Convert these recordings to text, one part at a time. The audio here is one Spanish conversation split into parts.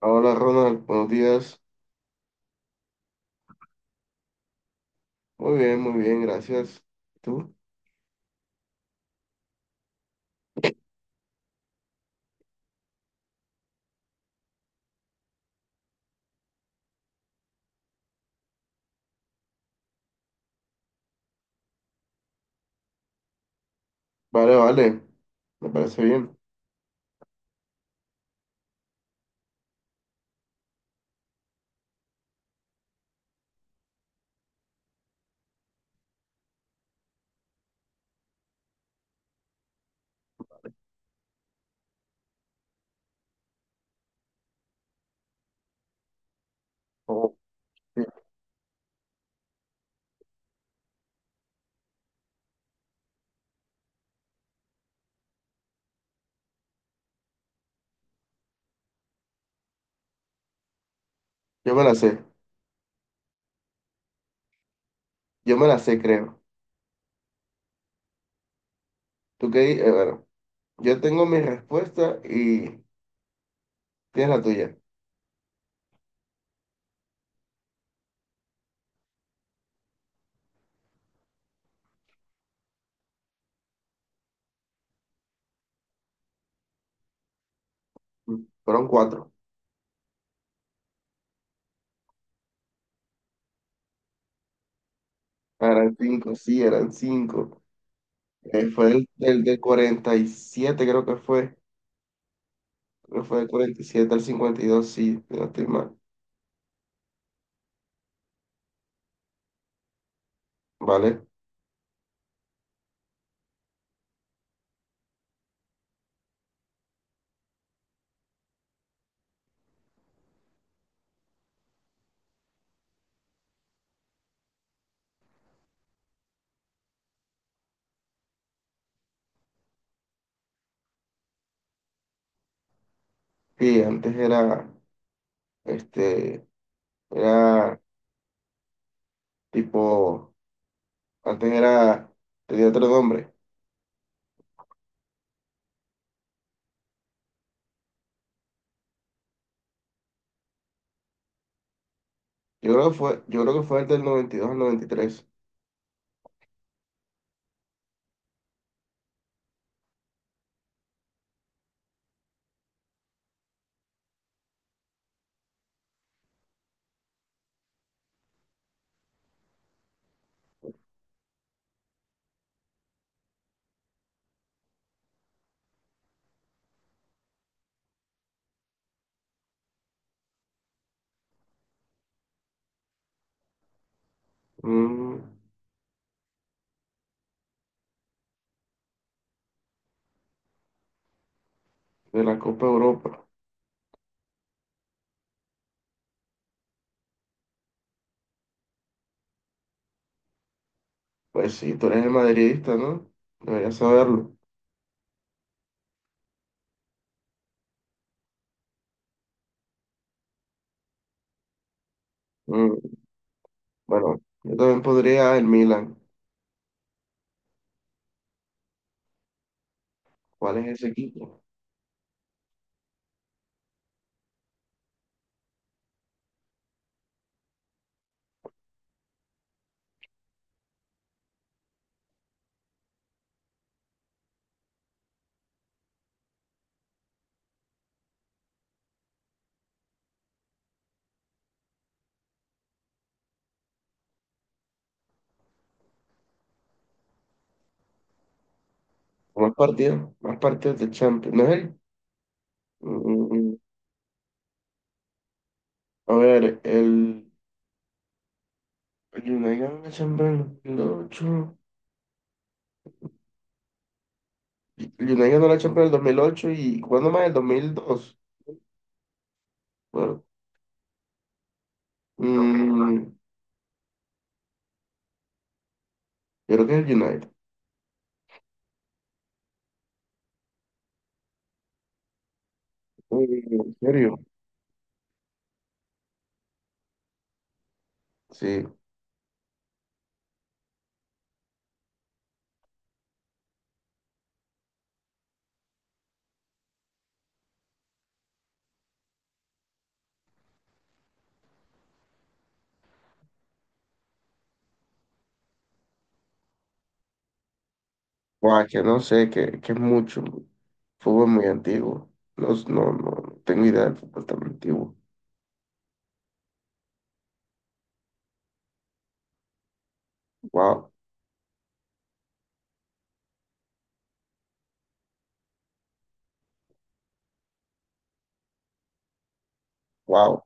Hola Ronald, buenos días. Muy bien, gracias. ¿Y tú? Vale, vale, me parece bien. Oh, sí. Yo me la sé, yo me la sé, creo. ¿Tú qué? Bueno, yo tengo mi respuesta y tienes la tuya. Mm. Fueron cuatro. Ah, eran cinco, sí, eran cinco. Fue del 47, creo que fue. Creo que fue del 47 al 52, sí, si no estoy mal. Vale. Sí, antes era, este, era tipo. Antes era, tenía otro nombre. Yo creo que fue el del noventa y dos al noventa y tres. Mm, de la Copa Europa. Pues sí, tú eres el madridista, ¿no? Deberías saberlo. Mm, bueno, yo también podría el Milan. ¿Cuál es ese equipo? Más partidos de Champions. ¿No es él? Mm, mm, mm. A ver, el United ganó la Champions en el 2008. El United ganó la Champions en el dos mil ocho. ¿Y cuándo más? El dos mil dos. Bueno, mm, yo creo que es el United. Uy, ¿en serio? Sí. Buah, que no sé, que es mucho. Fútbol muy antiguo. No, no, no tengo idea del fútbol tan antiguo. Wow, wow.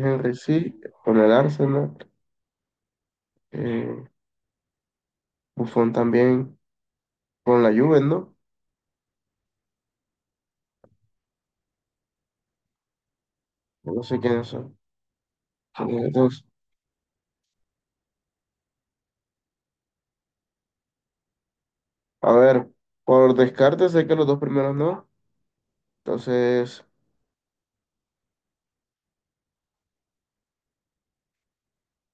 Henry sí, con el Arsenal. Eh, Buffon también con la Juve, ¿no? No sé quiénes son. Dos. A ver, por descarte sé que los dos primeros no. Entonces,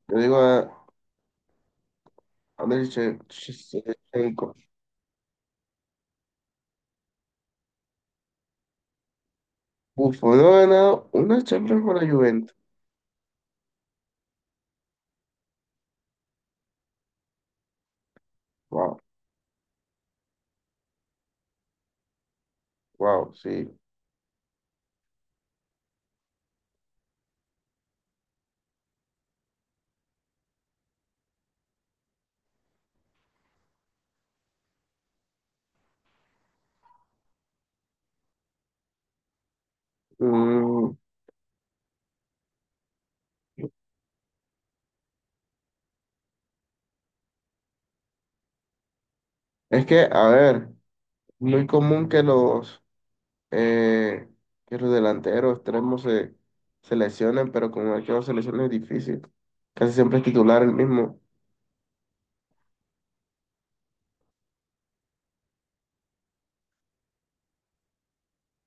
yo digo a Andriy Shevchenko. Buffon no ha ganado una Champions con la Juventus. Wow, wow, sí. Mm, es que, a ver, muy común que eh, los delanteros extremos se lesionen, pero como el que no se lesiona es difícil. Casi siempre es titular el mismo.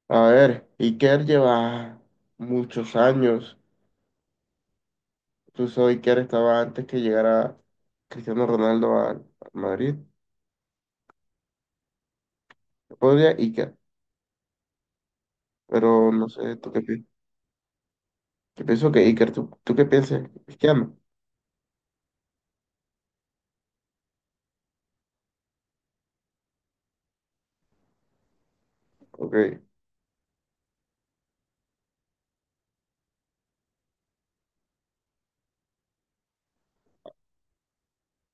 A ver, Iker lleva muchos años. Incluso Iker estaba antes que llegara Cristiano Ronaldo a Madrid. Podría Iker, pero no sé, ¿tú qué piensas? Yo pienso que Iker, ¿tú qué piensas? Cristiano, ok, no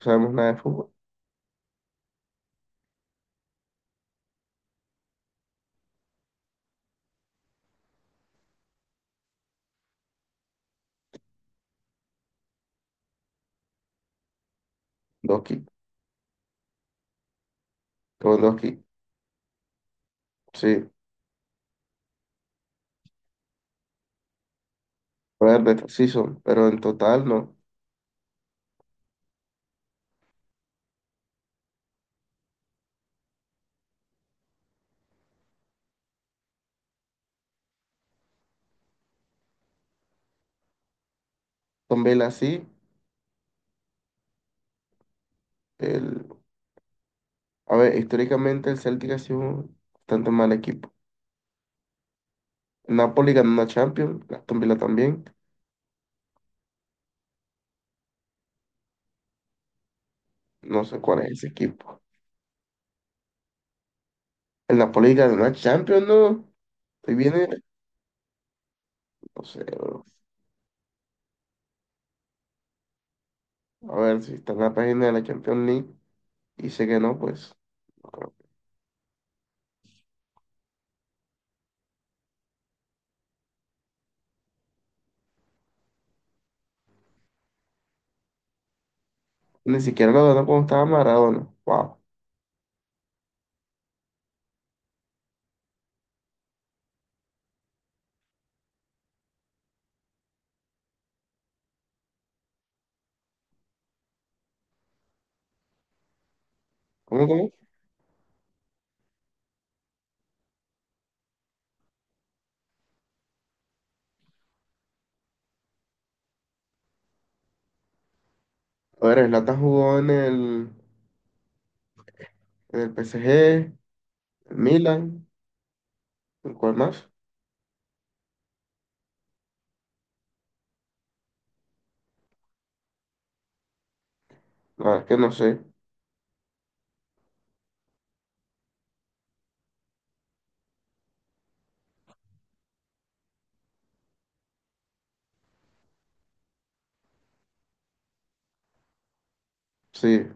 sabemos nada de fútbol. Doki, Lewandowski, sí. Poder sí son, pero en total no. Son Villa sí. El, a ver, históricamente el Celtic ha sido un bastante mal equipo. El Napoli ganó una Champions, Aston Villa también. No sé cuál es ese equipo. El Napoli ganó una Champions, ¿no? Estoy viene, no sé, bro. A ver si está en la página de la Champions League y sé que no, pues. No creo. Ni siquiera lo ganó cuando estaba Maradona. Wow. ¿Cómo, cómo? A ver, Zlatan jugó en el PSG, el Milan, ¿en ¿cuál más? La verdad es que no sé. Sí,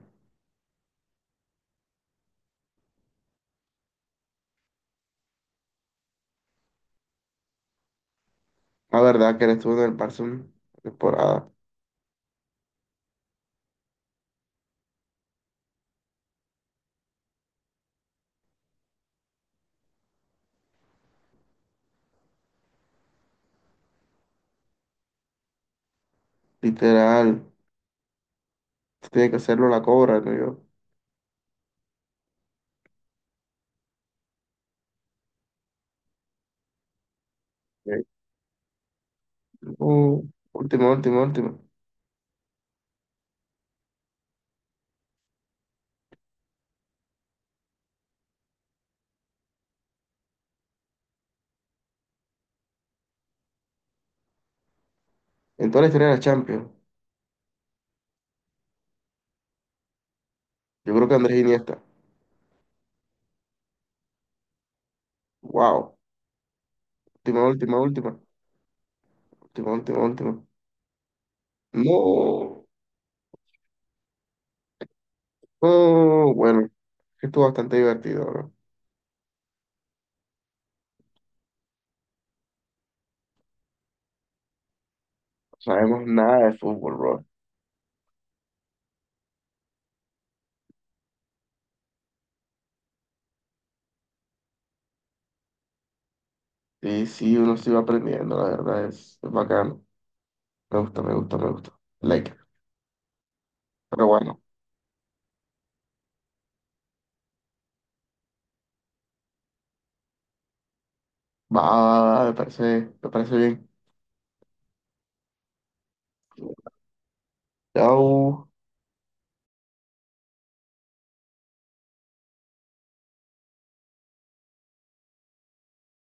la verdad que él estuvo en el Barça una temporada. Literal, tiene que hacerlo la cobra, ¿no? Yo, eh, no, último, último, último. En toda la historia de la Champions, yo creo que Andrés Iniesta. Wow, última, última, última, última, última, última. No, no, bueno, estuvo bastante divertido, bro. No sabemos nada de fútbol, bro. Y sí, uno se va aprendiendo, la verdad, es bacano. Me gusta, me gusta, me gusta. Like, pero bueno, va, va, va, me parece bien. Chao.